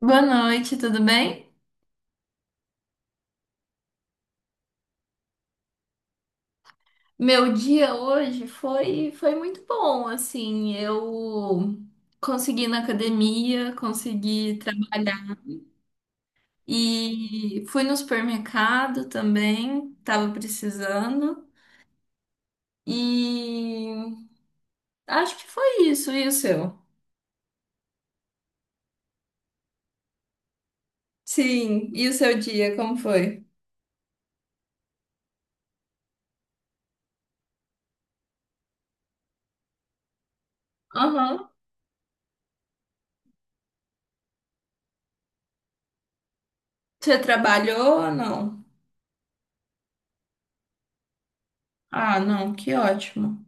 Boa noite, tudo bem? Meu dia hoje foi muito bom, assim, eu consegui ir na academia, consegui trabalhar e fui no supermercado também, tava precisando e acho que foi isso, e o seu? Sim, e o seu dia, como foi? Aham. Você trabalhou ou não? Ah, não, que ótimo.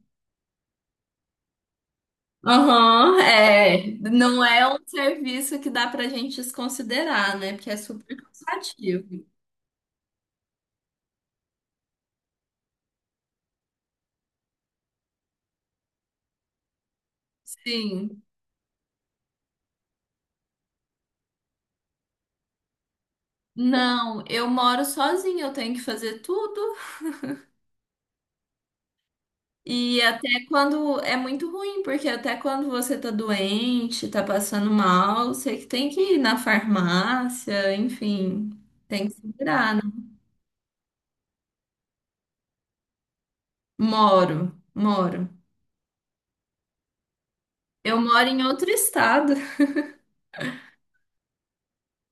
Aham, é. Não é um serviço que dá pra gente desconsiderar, né? Porque é super cansativo. Sim. Não, eu moro sozinha, eu tenho que fazer tudo. E até quando é muito ruim, porque até quando você tá doente, tá passando mal, você que tem que ir na farmácia, enfim, tem que se virar, né? Moro, moro. Eu moro em outro estado.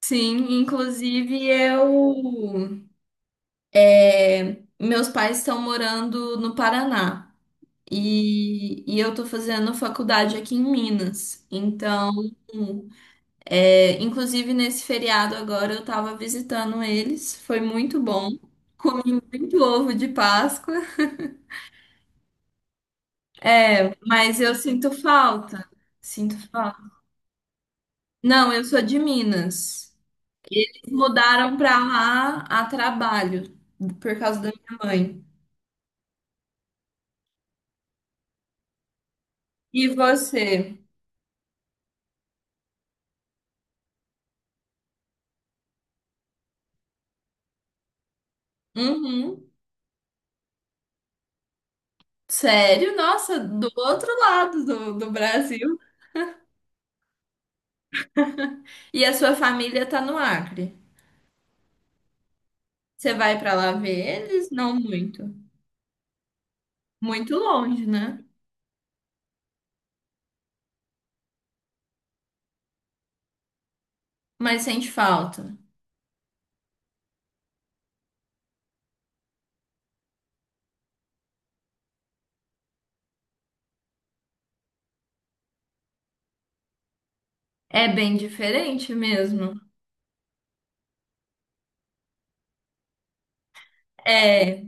Sim, inclusive eu. É, meus pais estão morando no Paraná e eu tô fazendo faculdade aqui em Minas. Então, é, inclusive nesse feriado agora eu tava visitando eles, foi muito bom, muito ovo de Páscoa, mas eu sinto falta. Sinto falta. Não, eu sou de Minas. Mudaram pra lá a trabalho por causa da minha mãe. E você? Uhum. Sério? Nossa, do outro lado do Brasil. E a sua família tá no Acre. Você vai pra lá ver eles? Não muito. Muito longe, né? Mas sente falta. É bem diferente mesmo. É.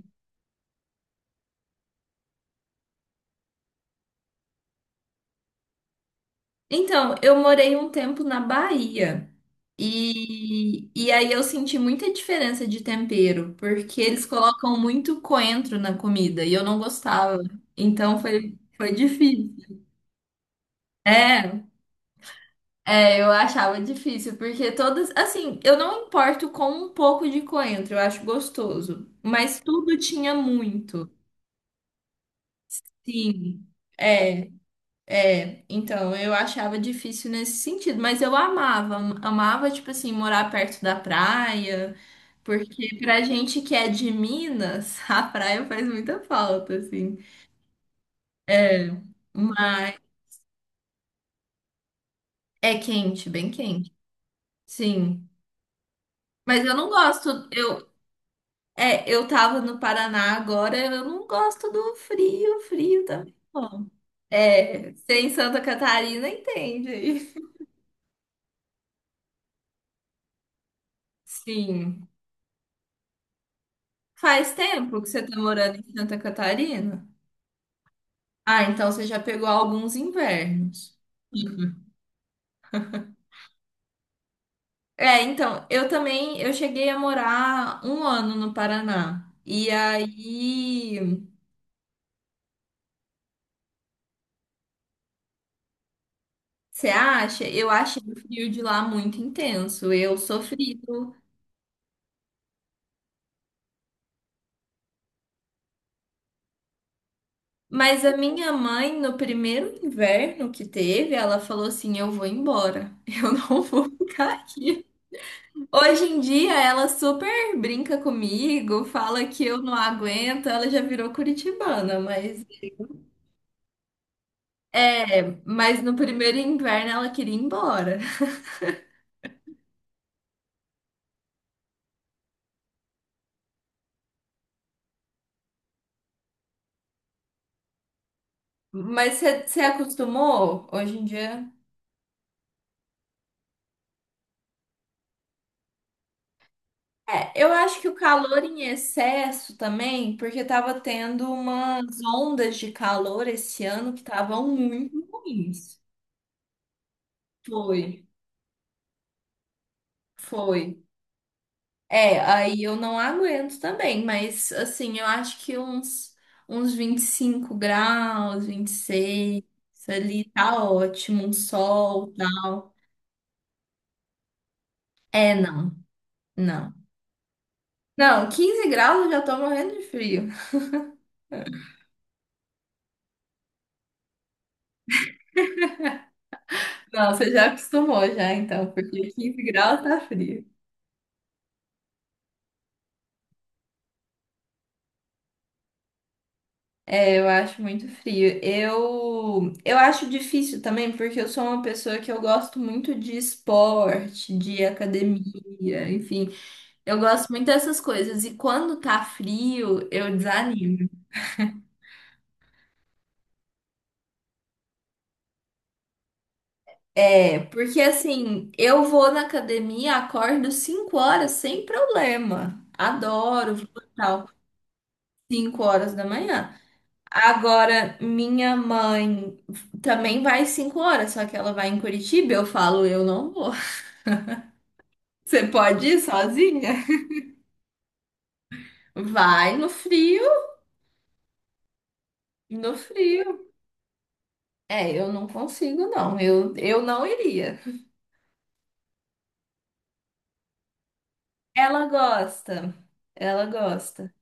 Então, eu morei um tempo na Bahia. E aí eu senti muita diferença de tempero, porque eles colocam muito coentro na comida e eu não gostava. Então foi difícil. É. Eu achava difícil, porque todas, assim, eu não importo com um pouco de coentro, eu acho gostoso, mas tudo tinha muito. Sim, é, é. Então, eu achava difícil nesse sentido, mas eu amava, amava, tipo assim, morar perto da praia, porque pra gente que é de Minas, a praia faz muita falta, assim. É, mas é quente, bem quente. Sim. Mas eu não gosto. Eu tava no Paraná agora, eu não gosto do frio, frio também. Não. É, você em Santa Catarina entende aí. Sim. Faz tempo que você tá morando em Santa Catarina? Ah, então você já pegou alguns invernos. É, então, eu também, eu cheguei a morar um ano no Paraná. E aí, você acha? Eu achei o frio de lá muito intenso. Eu sofri. Mas a minha mãe, no primeiro inverno que teve, ela falou assim: Eu vou embora, eu não vou ficar aqui. Hoje em dia, ela super brinca comigo, fala que eu não aguento, ela já virou curitibana, mas mas no primeiro inverno ela queria ir embora. Mas você acostumou hoje em dia? É, eu acho que o calor em excesso também, porque tava tendo umas ondas de calor esse ano que estavam muito ruins. Foi, foi. É, aí eu não aguento também, mas assim, eu acho que uns 25 graus, 26, ali tá ótimo, um sol, tal. É, não, não. Não, 15 graus eu já tô morrendo de frio. Não, você já acostumou já, então, porque 15 graus tá frio. É, eu acho muito frio. Eu acho difícil também, porque eu sou uma pessoa que eu gosto muito de esporte, de academia, enfim. Eu gosto muito dessas coisas. E quando tá frio, eu desanimo. É, porque assim, eu vou na academia, acordo 5 horas sem problema. Adoro, vou e tal, 5 horas da manhã. Agora, minha mãe também vai às 5 horas, só que ela vai em Curitiba, eu falo, eu não vou. Você pode ir sozinha? Vai no frio, no frio. É, eu não consigo, não. Eu não iria. Ela gosta, ela gosta.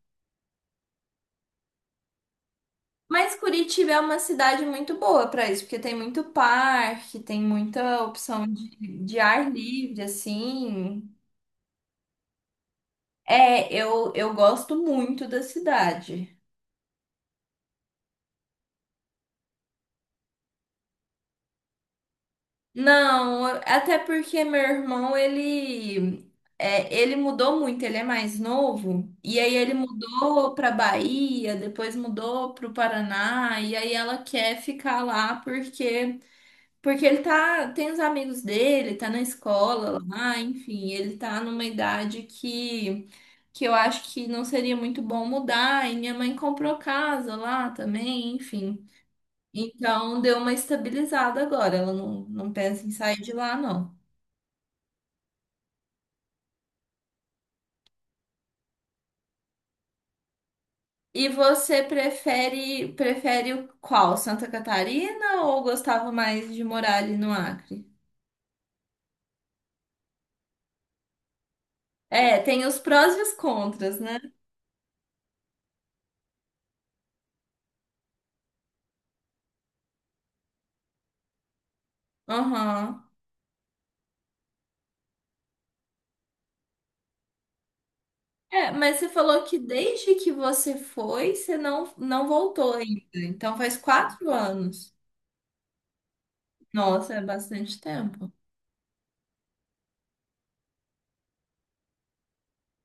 Mas Curitiba é uma cidade muito boa para isso, porque tem muito parque, tem muita opção de ar livre, assim. É, eu gosto muito da cidade. Não, até porque meu irmão, ele mudou muito, ele é mais novo, e aí ele mudou para Bahia, depois mudou para o Paraná, e aí ela quer ficar lá porque porque ele tá, tem os amigos dele, tá na escola lá, enfim, ele tá numa idade que eu acho que não seria muito bom mudar, e minha mãe comprou casa lá também, enfim. Então deu uma estabilizada agora, ela não, não pensa em sair de lá, não. E você prefere, prefere o qual? Santa Catarina ou gostava mais de morar ali no Acre? É, tem os prós e os contras, né? Aham. É, mas você falou que desde que você foi, você não, não voltou ainda. Então faz 4 anos. Nossa, é bastante tempo.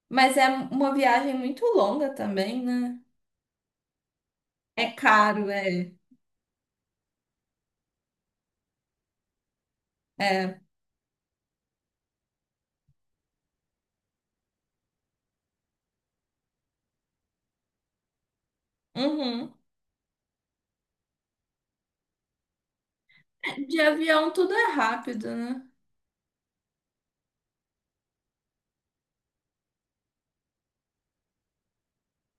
Mas é uma viagem muito longa também, né? É caro, é. É. Uhum. De avião tudo é rápido, né?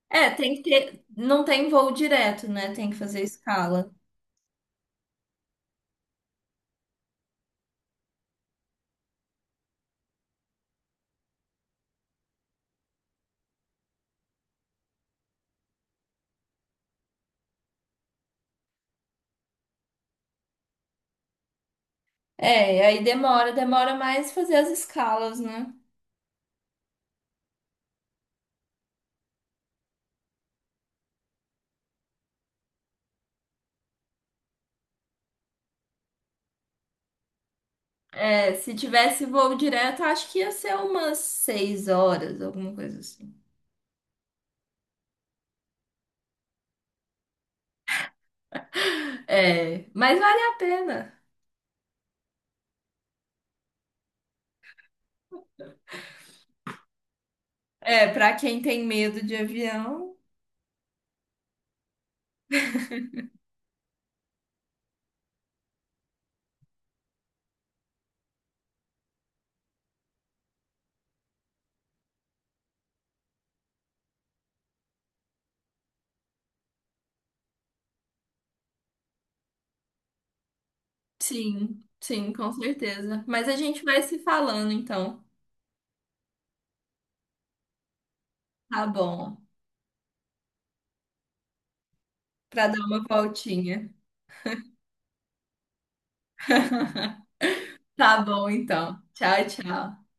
É, tem que ter. Não tem voo direto, né? Tem que fazer escala. É, aí demora mais fazer as escalas, né? É, se tivesse voo direto, acho que ia ser umas 6 horas, alguma coisa assim. É, mas vale a pena. É, pra quem tem medo de avião. Sim, sim, com certeza. Mas a gente vai se falando então. Tá bom. Pra dar uma voltinha. Tá bom então. Tchau, tchau.